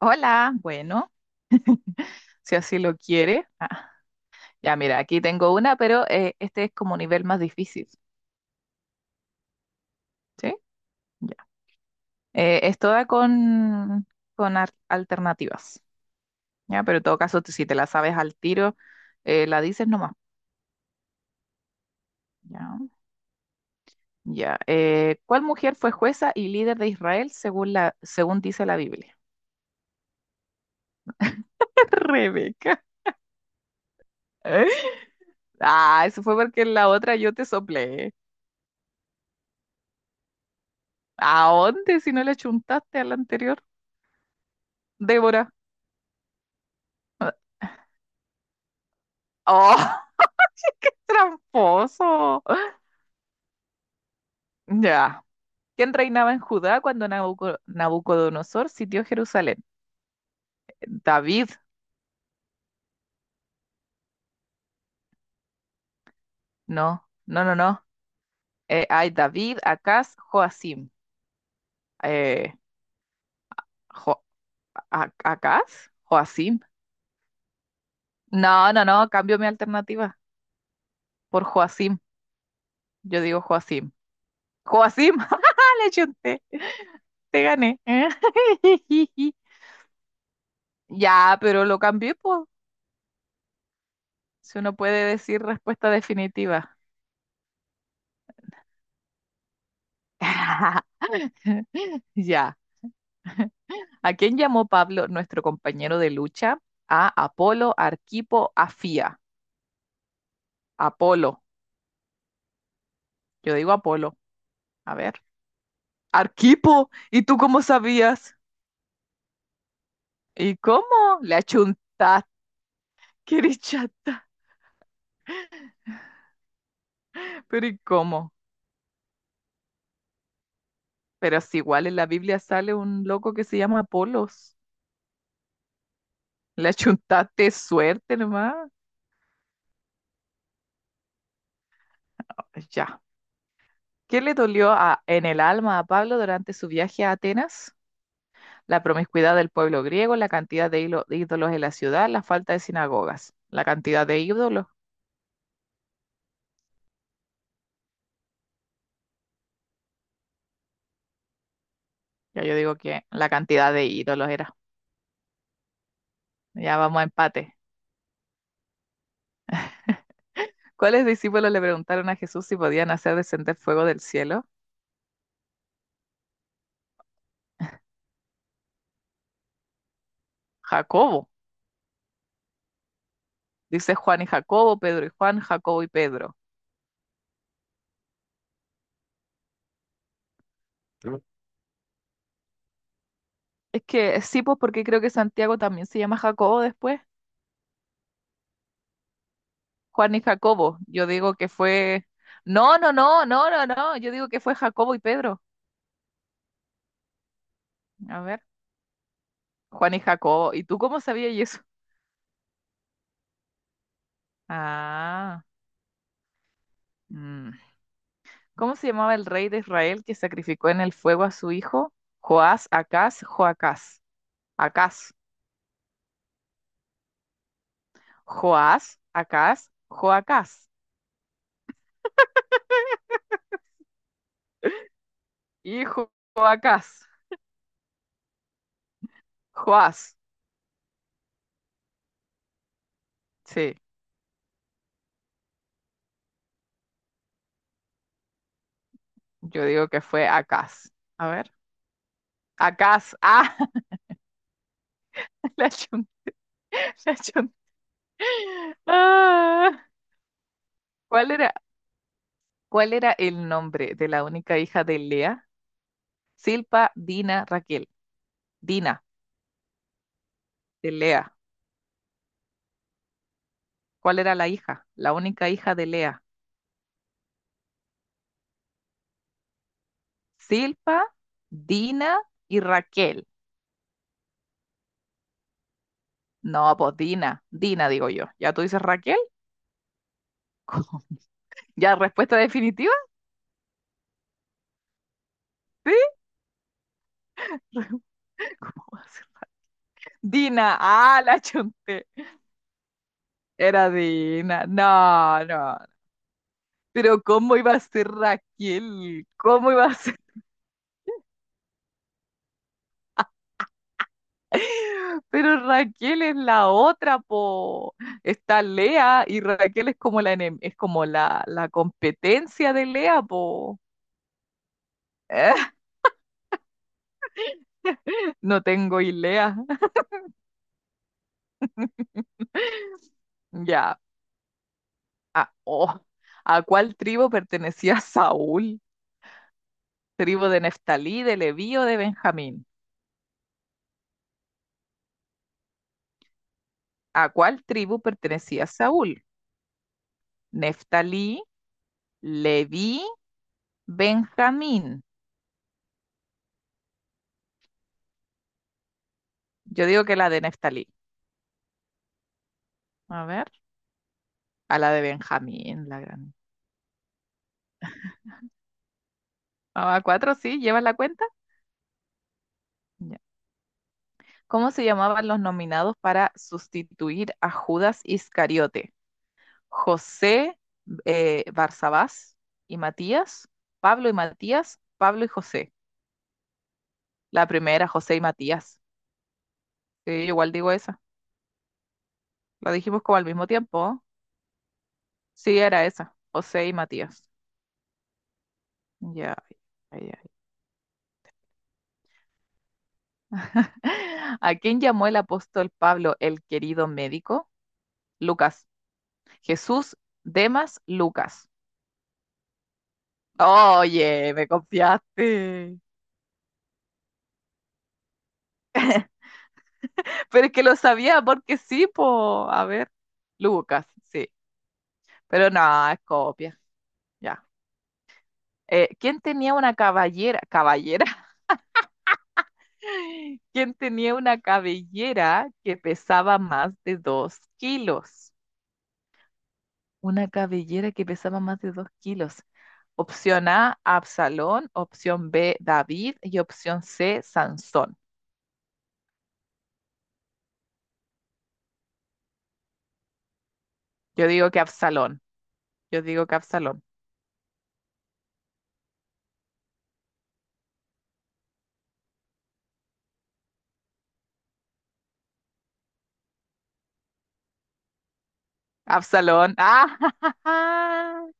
Hola, bueno, si así lo quiere. Ah, ya, mira, aquí tengo una, pero este es como nivel más difícil, ¿sí? Ya. Es toda con, con alternativas, ¿ya? Pero en todo caso, si te la sabes al tiro, la dices nomás, ¿ya? Ya. ¿Cuál mujer fue jueza y líder de Israel según dice la Biblia? Rebeca. Ah, eso fue porque en la otra yo te soplé. ¿A dónde si no le chuntaste a la anterior? Débora. Oh. Tramposo. Ya. ¿Quién reinaba en Judá cuando Nabucodonosor sitió Jerusalén? David. No, no, no, no. Ay, David, Acaz, Joacim. Eh, Jo- ¿Acaz? Joacim. No, no, no. Cambio mi alternativa por Joacim. Yo digo Joacim. Joacim. ¡Ja, ja, ja! Le chunté. Te gané. Ya, pero lo cambié, pues. Si uno puede decir respuesta definitiva. Ya. ¿A quién llamó Pablo, nuestro compañero de lucha? A Apolo, Arquipo, Afía. Apolo. Yo digo Apolo. A ver. Arquipo. ¿Y tú cómo sabías? ¿Y cómo? Le achuntaste. ¡Qué eres chata! Pero ¿y cómo? Pero si igual en la Biblia sale un loco que se llama Apolos. Le achuntaste suerte nomás. Ya. ¿Qué le dolió en el alma a Pablo durante su viaje a Atenas? La promiscuidad del pueblo griego, la cantidad de ídolos en la ciudad, la falta de sinagogas, la cantidad de ídolos. Ya, yo digo que la cantidad de ídolos era. Ya vamos a empate. ¿Cuáles discípulos le preguntaron a Jesús si podían hacer descender fuego del cielo? Jacobo, dice Juan y Jacobo, Pedro y Juan, Jacobo y Pedro. Es que sí, pues porque creo que Santiago también se llama Jacobo después. Juan y Jacobo, yo digo que fue... No, no, no, no, no, no, yo digo que fue Jacobo y Pedro. A ver, Juan y Jacobo, ¿y tú cómo sabías eso? Ah, mm. ¿Cómo se llamaba el rey de Israel que sacrificó en el fuego a su hijo? Joás, Acaz, Joacás. Acaz. Joás, Acaz, Joacás. Hijo Joacás. Joás. Sí, yo digo que fue Acaz. A ver. Acaz. Ah, la chunté, la chunté. Ah. ¿Cuál era, cuál era el nombre de la única hija de Lea? Silpa, Dina, Raquel. Dina, de Lea. ¿Cuál era la hija? La única hija de Lea. Silpa, Dina y Raquel. No, pues Dina, Dina digo yo. ¿Ya tú dices Raquel? ¿Cómo? ¿Ya respuesta definitiva? ¿Sí? ¿Cómo va a ser? Dina, ah, la chunté. Era Dina. No, no. Pero ¿cómo iba a ser Raquel? ¿Cómo iba a ser? Pero Raquel es la otra, po. Está Lea y Raquel es como la enem- es como la competencia de Lea, po. No tengo idea. Ya. ¿A, oh, ¿a cuál tribu pertenecía Saúl? ¿Tribu de Neftalí, de Leví o de Benjamín? ¿A cuál tribu pertenecía Saúl? ¿Neftalí, Leví, Benjamín? Yo digo que la de Neftalí. A ver, a la de Benjamín, la gran. Ah, ¿cuatro sí? ¿Llevas la cuenta? Ya. ¿Cómo se llamaban los nominados para sustituir a Judas Iscariote? ¿José, Barsabás y Matías? ¿Pablo y Matías? ¿Pablo y José? La primera, José y Matías. Sí, yo igual digo esa. La dijimos como al mismo tiempo, ¿no? Sí, era esa. José y Matías. Ya, ya, ya. ¿A quién llamó el apóstol Pablo el querido médico? Lucas. Jesús, Demas, Lucas. Oye, me confiaste. Pero es que lo sabía porque sí, po. A ver. Lucas, sí. Pero no, es copia. Ya. ¿Quién tenía una caballera? Caballera. Quien tenía una cabellera que pesaba más de 2 kilos. Una cabellera que pesaba más de dos kilos. Opción A, Absalón. Opción B, David. Y opción C, Sansón. Yo digo que Absalón. Yo digo que Absalón. Absalón. ¡Ah!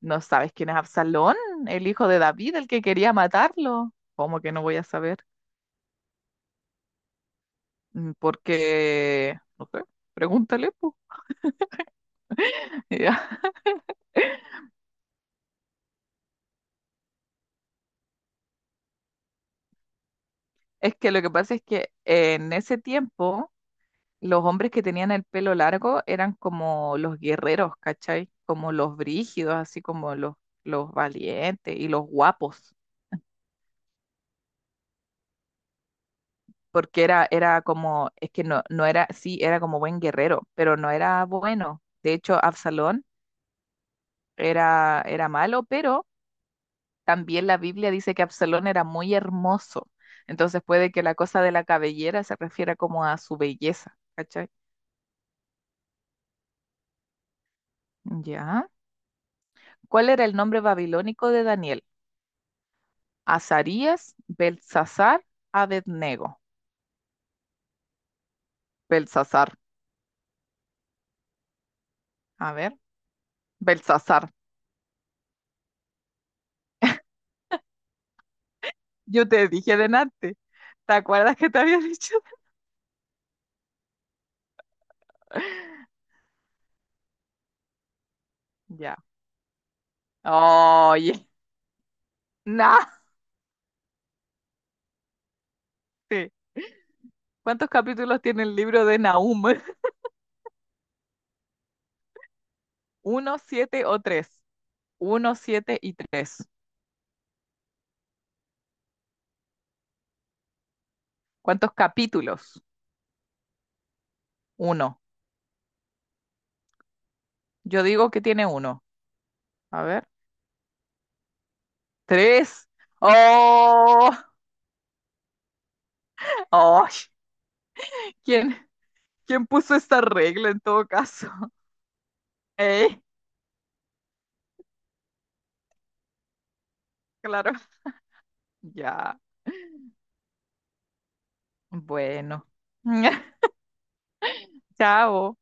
¿No sabes quién es Absalón? El hijo de David, el que quería matarlo. ¿Cómo que no voy a saber? Mm, porque, no sé, pregúntale, po. Es que lo que pasa es que en ese tiempo los hombres que tenían el pelo largo eran como los guerreros, ¿cachai? Como los brígidos, así como los valientes y los guapos. Porque era, era como, es que no, no era, sí, era como buen guerrero, pero no era bueno. De hecho, Absalón era, era malo, pero también la Biblia dice que Absalón era muy hermoso. Entonces puede que la cosa de la cabellera se refiera como a su belleza, ¿cachai? Ya. ¿Cuál era el nombre babilónico de Daniel? Azarías, Belsasar, Abednego. Belsasar. A ver, Belsasar. Yo te dije delante. ¿Te acuerdas que te había dicho? Ya. Oye, naste. ¿Cuántos capítulos tiene el libro de Nahum? ¿Uno, siete o tres? Uno, siete y tres. ¿Cuántos capítulos? Uno. Yo digo que tiene uno. A ver. Tres. ¡Oh! ¡Oh! ¿Quién, ¿Quién puso esta regla en todo caso? ¿Eh? Claro. Ya. Bueno. Chao.